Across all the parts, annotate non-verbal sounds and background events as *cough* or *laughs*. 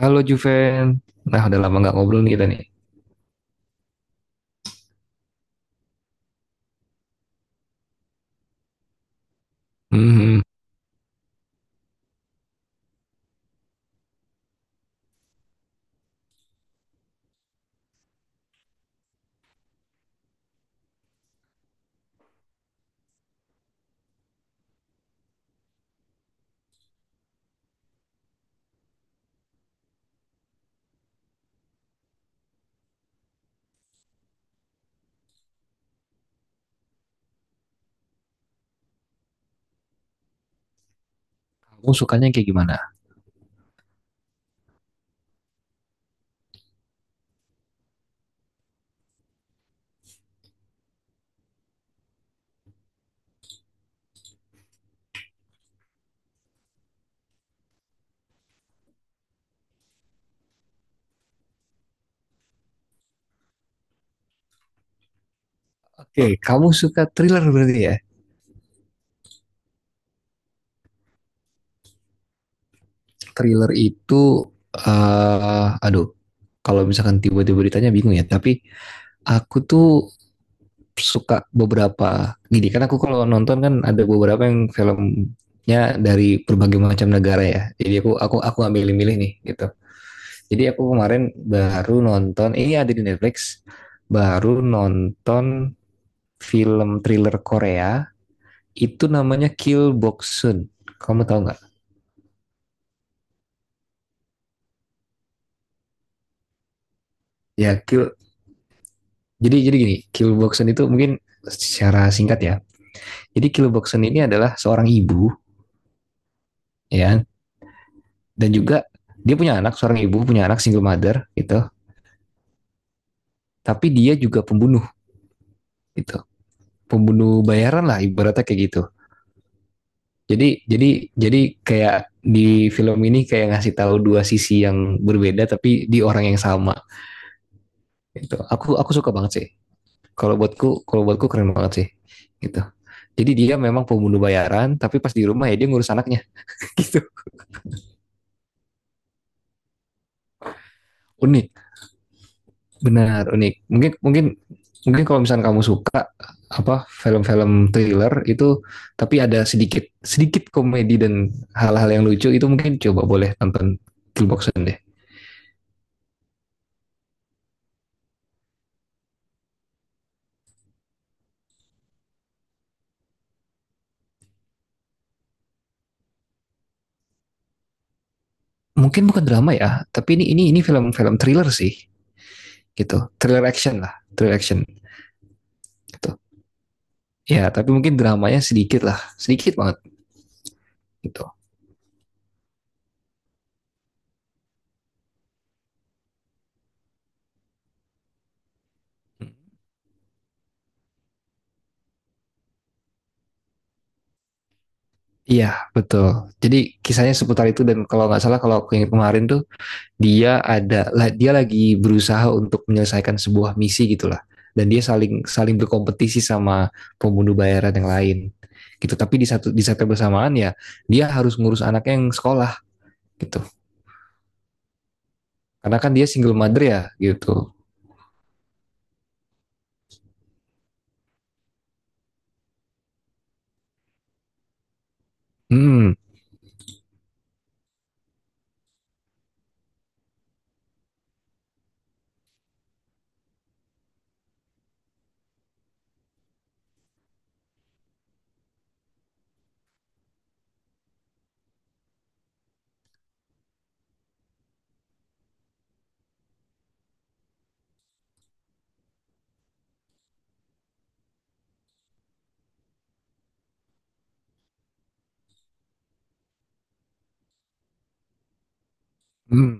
Halo Juven. Nah, udah lama nggak ngobrol nih kita nih. Hmm, kamu sukanya kayak gimana? Oke, kamu suka thriller berarti ya? Thriller itu, eh aduh, kalau misalkan tiba-tiba ditanya bingung ya. Tapi aku tuh suka beberapa. Gini, kan aku kalau nonton kan ada beberapa yang filmnya dari berbagai macam negara ya. Jadi aku nggak milih-milih nih gitu. Jadi aku kemarin baru nonton, ini ada di Netflix. Baru nonton film thriller Korea itu namanya Kill Boxun. Kamu tahu nggak? Ya Kill. Jadi gini, Kill Boxun itu mungkin secara singkat ya. Jadi Kill Boxun ini adalah seorang ibu ya, dan juga dia punya anak, seorang ibu punya anak single mother gitu. Tapi dia juga pembunuh gitu. Pembunuh bayaran lah ibaratnya kayak gitu. Jadi kayak di film ini kayak ngasih tahu dua sisi yang berbeda tapi di orang yang sama gitu. Aku suka banget sih. Kalau buatku kalau buatku keren banget sih gitu, jadi dia memang pembunuh bayaran tapi pas di rumah ya dia ngurus anaknya *laughs* gitu. Unik, benar unik, mungkin mungkin mungkin kalau misalnya kamu suka apa film-film thriller itu, tapi ada sedikit sedikit komedi dan hal-hal yang lucu, itu mungkin coba boleh nonton Killboxen deh. Mungkin bukan drama ya, tapi ini film-film thriller sih gitu, thriller action lah, thriller action gitu ya, tapi mungkin dramanya sedikit lah, sedikit banget gitu. Iya, betul. Jadi kisahnya seputar itu, dan kalau nggak salah kalau aku yang kemarin tuh, dia ada dia lagi berusaha untuk menyelesaikan sebuah misi gitulah. Dan dia saling saling berkompetisi sama pembunuh bayaran yang lain gitu. Tapi di satu di saat yang bersamaan ya, dia harus ngurus anaknya yang sekolah gitu. Karena kan dia single mother ya gitu. Hmm. Hmm.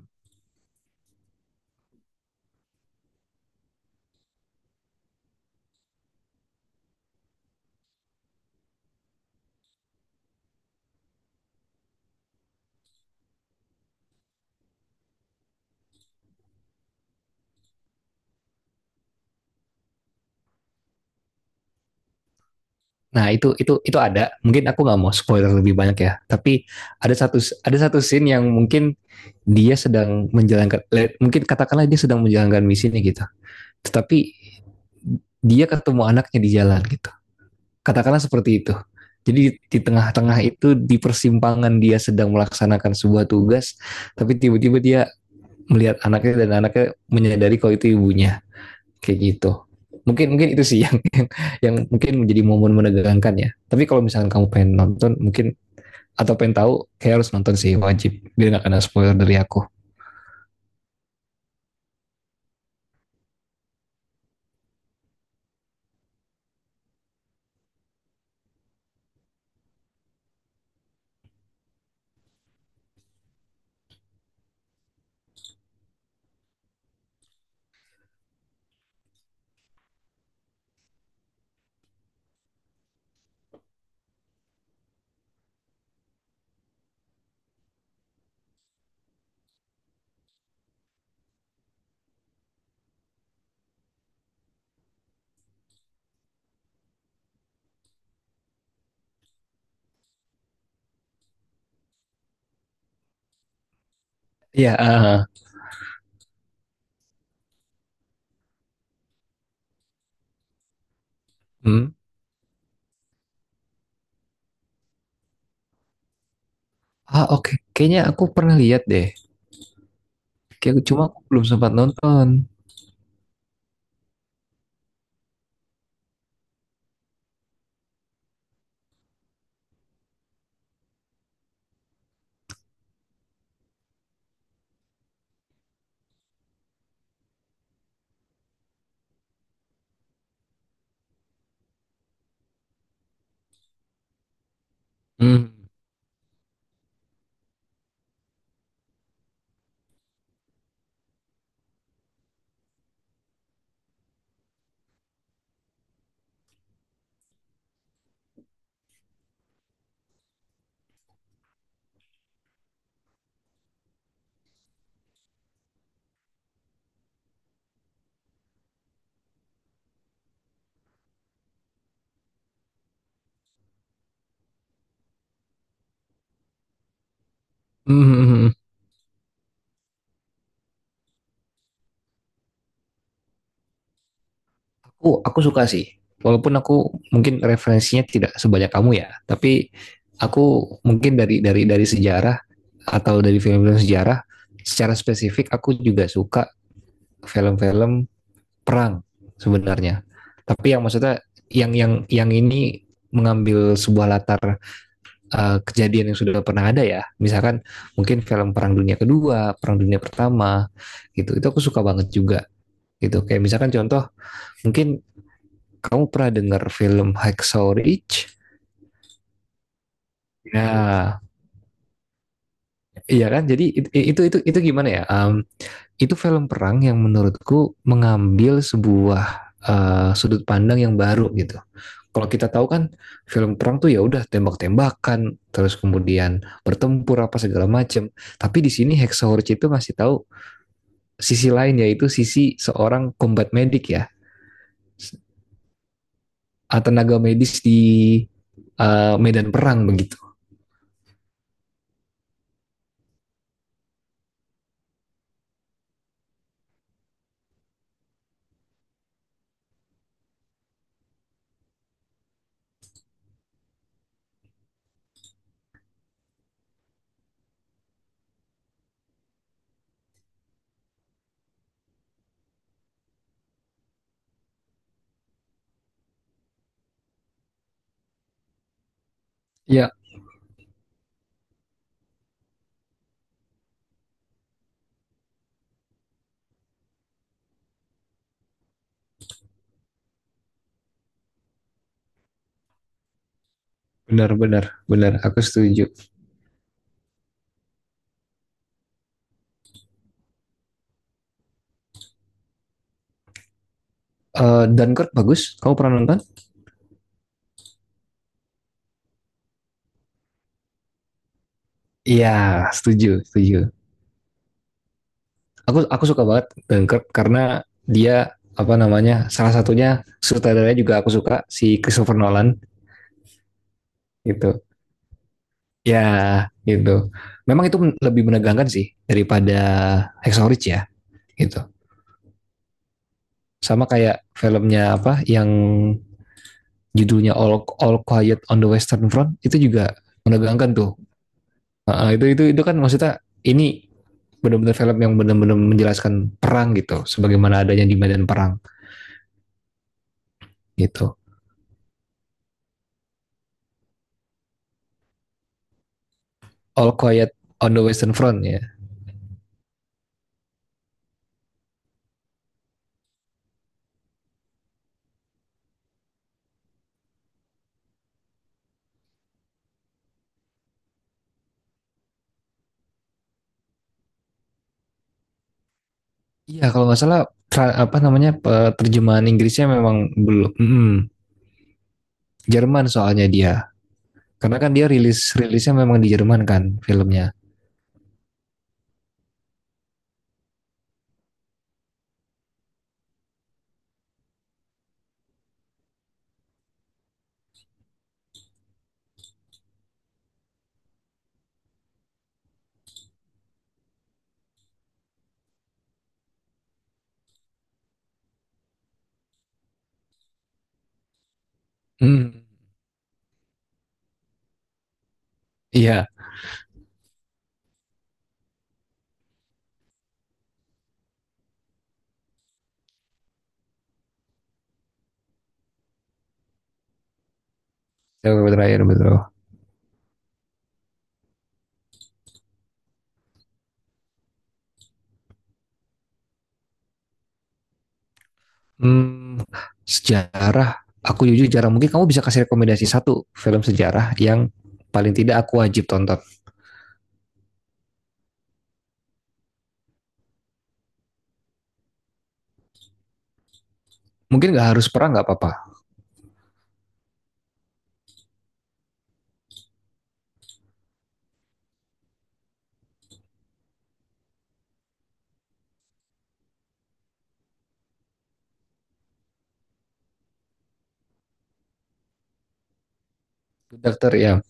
Nah, itu ada. Mungkin aku nggak mau spoiler lebih banyak ya. Tapi ada satu ada satu scene yang mungkin dia sedang menjalankan, mungkin katakanlah dia sedang menjalankan misinya gitu, tetapi dia ketemu anaknya di jalan gitu, katakanlah seperti itu. Jadi di tengah-tengah itu di persimpangan dia sedang melaksanakan sebuah tugas, tapi tiba-tiba dia melihat anaknya, dan anaknya menyadari kalau itu ibunya kayak gitu. Mungkin mungkin itu sih *laughs* yang mungkin menjadi momen menegangkan ya, tapi kalau misalkan kamu pengen nonton, mungkin atau pengen tahu kayak harus nonton sih, wajib biar nggak kena spoiler dari aku. Iya, hmm, ah, oke. Kayaknya aku pernah lihat deh. Kayak cuma aku belum sempat nonton. Hmm. Hmm, hmm, hmm. Aku suka sih. Walaupun aku mungkin referensinya tidak sebanyak kamu ya, tapi aku mungkin dari dari sejarah atau dari film-film sejarah, secara spesifik aku juga suka film-film perang sebenarnya. Tapi yang maksudnya yang ini mengambil sebuah latar kejadian yang sudah pernah ada ya. Misalkan mungkin film Perang Dunia Kedua, Perang Dunia Pertama gitu. Itu aku suka banget juga gitu. Kayak misalkan contoh, mungkin kamu pernah dengar film Hacksaw Ridge? Nah, iya kan? Jadi itu gimana ya? Itu film perang yang menurutku mengambil sebuah sudut pandang yang baru gitu. Kalau kita tahu kan film perang tuh ya udah tembak-tembakan, terus kemudian bertempur apa segala macam. Tapi di sini Hacksaw Ridge itu masih tahu sisi lain, yaitu sisi seorang combat medic ya. Ah, tenaga medis di medan perang begitu. Ya, benar benar benar aku setuju. Eh, Dunkirk bagus, kamu pernah nonton? Iya, setuju setuju. Aku suka banget Dunkirk karena dia apa namanya, salah satunya sutradaranya juga aku suka, si Christopher Nolan gitu. Ya gitu. Memang itu lebih menegangkan sih daripada Hexorich ya gitu. Sama kayak filmnya apa yang judulnya All Quiet on the Western Front, itu juga menegangkan tuh. Nah, itu kan maksudnya ini benar-benar film yang benar-benar menjelaskan perang gitu sebagaimana adanya di medan perang gitu. All Quiet on the Western Front ya. Iya kalau nggak salah apa namanya, terjemahan Inggrisnya memang belum, Jerman soalnya dia. Karena kan dia rilis rilisnya memang di Jerman kan filmnya. Hmm, iya. Yang terakhir betul. Betul. Hmm, sejarah. Aku jujur jarang. Mungkin kamu bisa kasih rekomendasi satu film sejarah yang paling tidak aku wajib tonton. Mungkin nggak harus perang nggak apa-apa. Good Doctor ya.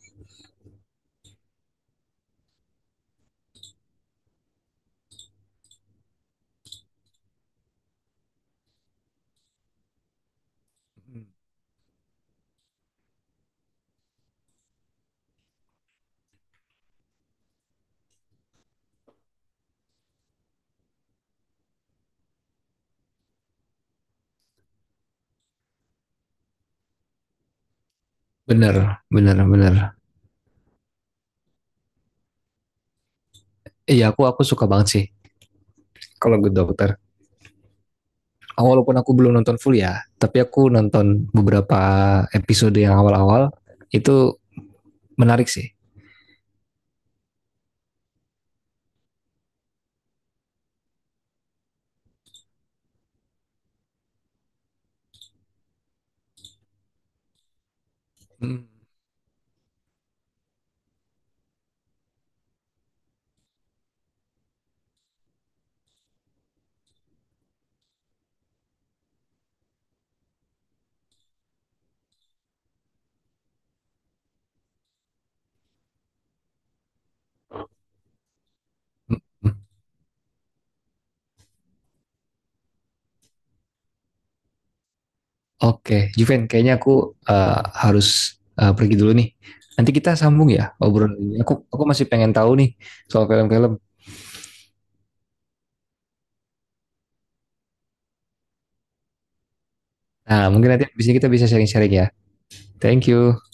Bener, bener, bener. Iya, aku suka banget sih kalau Good Doctor. Ah, walaupun aku belum nonton full ya, tapi aku nonton beberapa episode yang awal-awal itu menarik sih. Hmm. Oke, Juven, kayaknya aku harus pergi dulu nih. Nanti kita sambung ya obrolan ini. Aku masih pengen tahu nih soal film-film. Nah, mungkin nanti habis ini kita bisa sharing-sharing ya. Thank you.